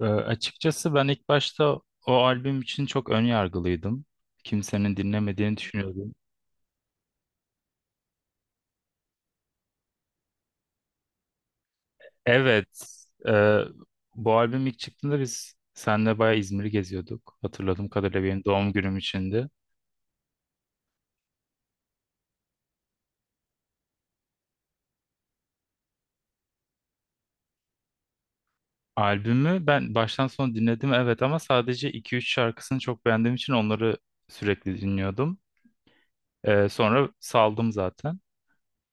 Açıkçası ben ilk başta o albüm için çok ön yargılıydım. Kimsenin dinlemediğini düşünüyordum. Evet, e, bu albüm ilk çıktığında biz seninle bayağı İzmir'i geziyorduk. Hatırladığım kadarıyla benim doğum günüm içindi. Albümü ben baştan sona dinledim, evet, ama sadece iki üç şarkısını çok beğendiğim için onları sürekli dinliyordum. Sonra saldım zaten.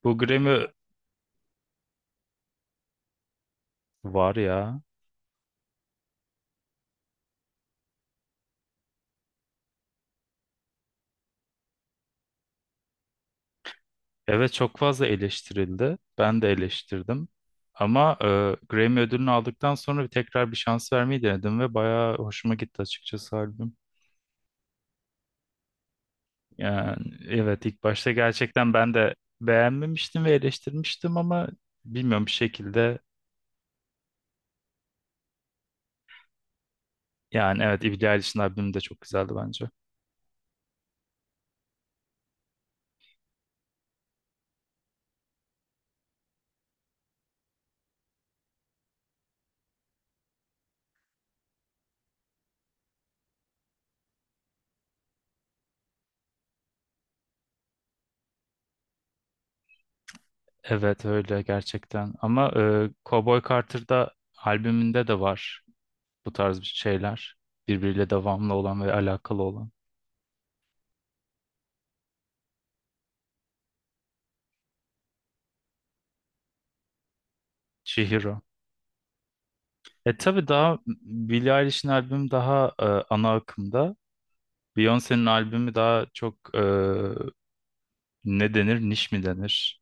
Bu Grammy var ya. Evet, çok fazla eleştirildi. Ben de eleştirdim. Ama Grammy ödülünü aldıktan sonra bir tekrar bir şans vermeyi denedim ve bayağı hoşuma gitti açıkçası albüm. Yani evet, ilk başta gerçekten ben de beğenmemiştim ve eleştirmiştim ama bilmiyorum, bir şekilde, yani evet, Billie Eilish'in albümü de çok güzeldi bence. Evet, öyle gerçekten, ama Cowboy Carter'da albümünde de var. Bu tarz bir şeyler. Birbiriyle devamlı olan ve alakalı olan. Chihiro. E tabii daha Billie Eilish'in albümü daha ana akımda. Beyoncé'nin albümü daha çok ne denir? Niş mi denir?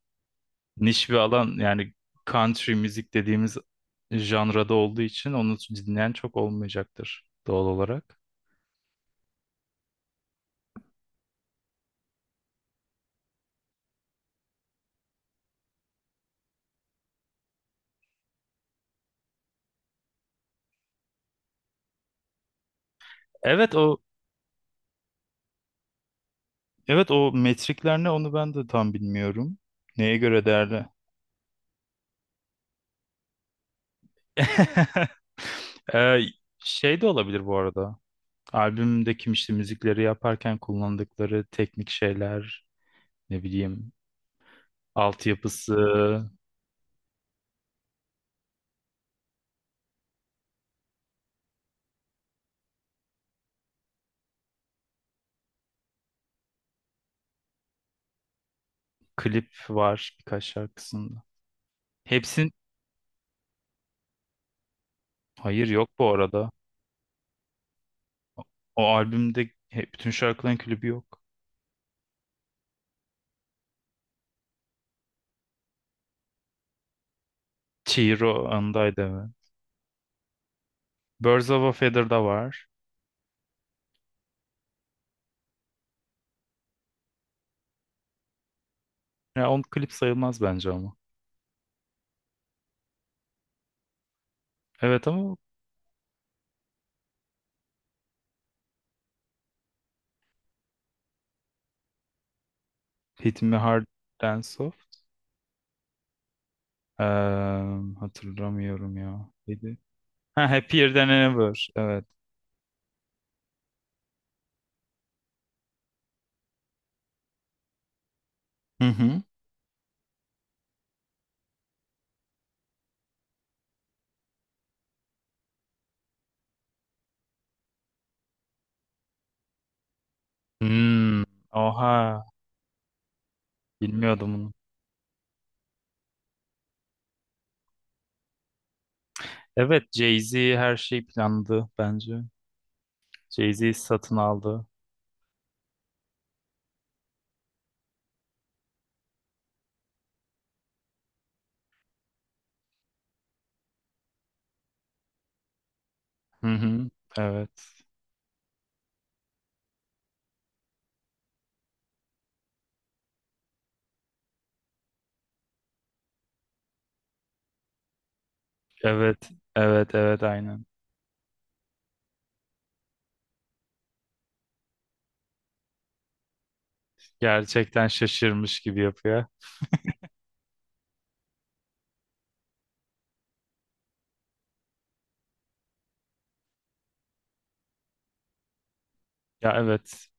Niş bir alan, yani country müzik dediğimiz janrada olduğu için onu dinleyen çok olmayacaktır doğal olarak. Evet, o metrikler ne, onu ben de tam bilmiyorum. Neye göre değerli? Ee, Şey de olabilir bu arada. Albümde kim işte müzikleri yaparken kullandıkları teknik şeyler, ne bileyim, altyapısı, klip var birkaç şarkısında. Hepsin hayır, yok bu arada. O albümde bütün şarkıların klibi yok. Chihiro andaydı hemen. Birds of a Feather'da var. Ya on klip sayılmaz bence ama. Evet, ama Hit Me Hard and Soft. Eee, Hatırlamıyorum ya. Neydi? Ha, Happier Than Ever. Evet. Hı hı. Hmm, oha. Bilmiyordum bunu. Evet, Jay-Z her şeyi planladı bence. Jay-Z satın aldı. Hı hı. Evet. Evet. Evet, evet, aynen. Gerçekten şaşırmış gibi yapıyor. Ya evet.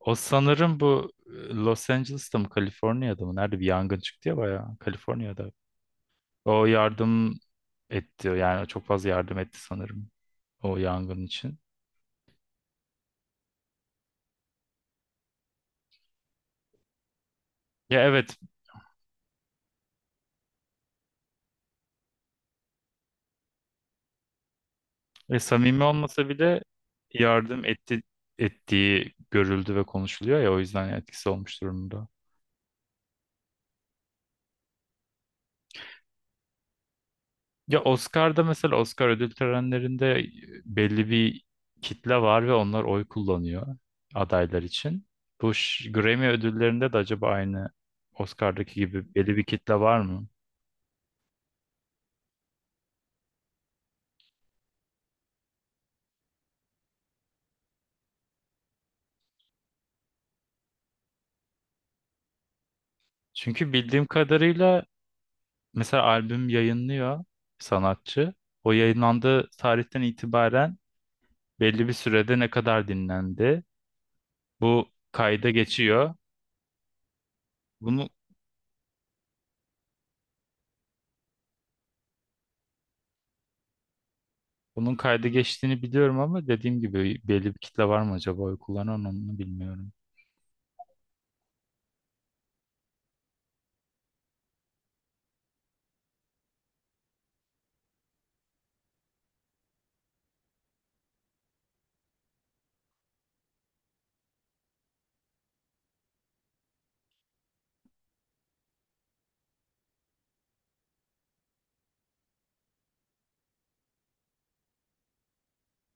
O sanırım bu Los Angeles'ta mı, Kaliforniya'da mı? Nerede bir yangın çıktı ya bayağı. Kaliforniya'da. O yardım etti. Yani çok fazla yardım etti sanırım. O yangın için. Ya evet. Ve samimi olmasa bile yardım etti, ettiği görüldü ve konuşuluyor ya, o yüzden etkisi olmuş durumda. Ya Oscar'da mesela, Oscar ödül törenlerinde belli bir kitle var ve onlar oy kullanıyor adaylar için. Bu Grammy ödüllerinde de acaba aynı Oscar'daki gibi belli bir kitle var mı? Çünkü bildiğim kadarıyla mesela albüm yayınlıyor sanatçı. O yayınlandığı tarihten itibaren belli bir sürede ne kadar dinlendi, bu kayda geçiyor. Bunu Bunun kayda geçtiğini biliyorum ama dediğim gibi belli bir kitle var mı acaba oy kullanan, onu bilmiyorum.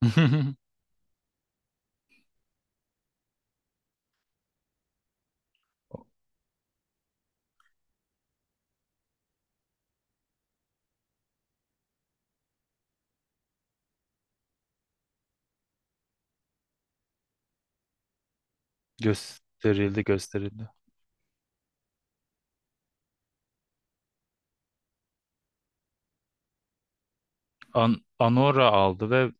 Gösterildi, gösterildi. An Anora aldı ve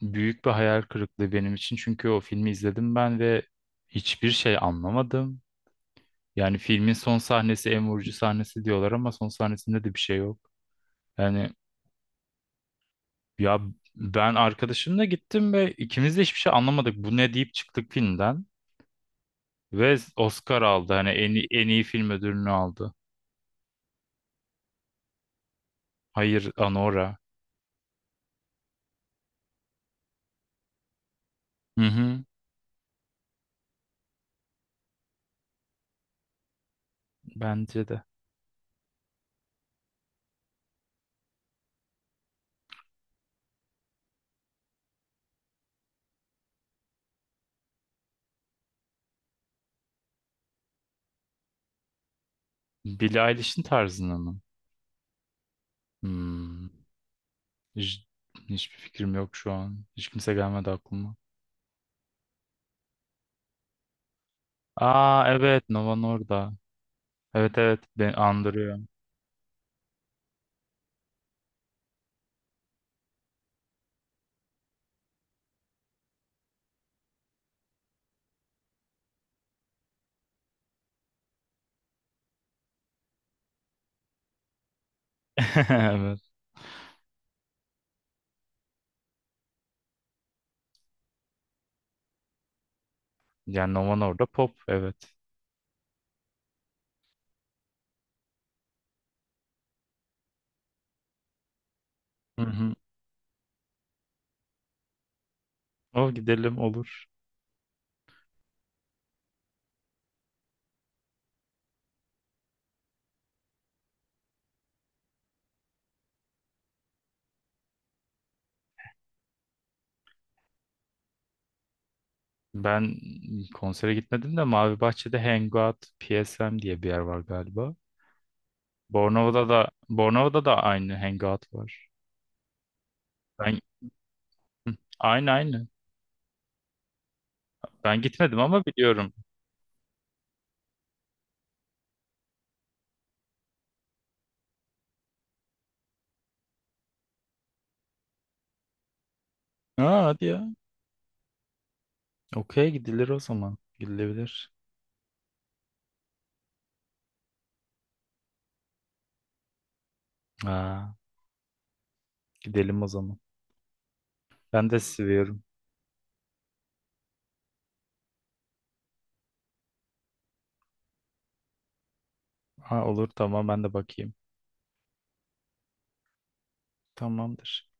büyük bir hayal kırıklığı benim için. Çünkü o filmi izledim ben ve hiçbir şey anlamadım. Yani filmin son sahnesi en vurucu sahnesi diyorlar ama son sahnesinde de bir şey yok. Yani ya, ben arkadaşımla gittim ve ikimiz de hiçbir şey anlamadık. Bu ne deyip çıktık filmden ve Oscar aldı. Hani en iyi, en iyi film ödülünü aldı. Hayır, Anora. Hı hı, bence de. Billie Eilish'in tarzına mı? Hmm. Hiç, hiçbir fikrim yok şu an. Hiç kimse gelmedi aklıma. Aa evet, Nova orada. Evet evet, ben andırıyor. Evet. Yani Nova orada pop, evet. Hı hı. O gidelim, olur. Ben konsere gitmedim de Mavi Bahçe'de Hangout PSM diye bir yer var galiba. Bornova'da da aynı Hangout var. Ben Hı, aynı aynı. Ben gitmedim ama biliyorum. Aa, hadi ya. Okey, gidilir o zaman. Gidilebilir. Aa, gidelim o zaman. Ben de seviyorum. Ha olur, tamam, ben de bakayım. Tamamdır.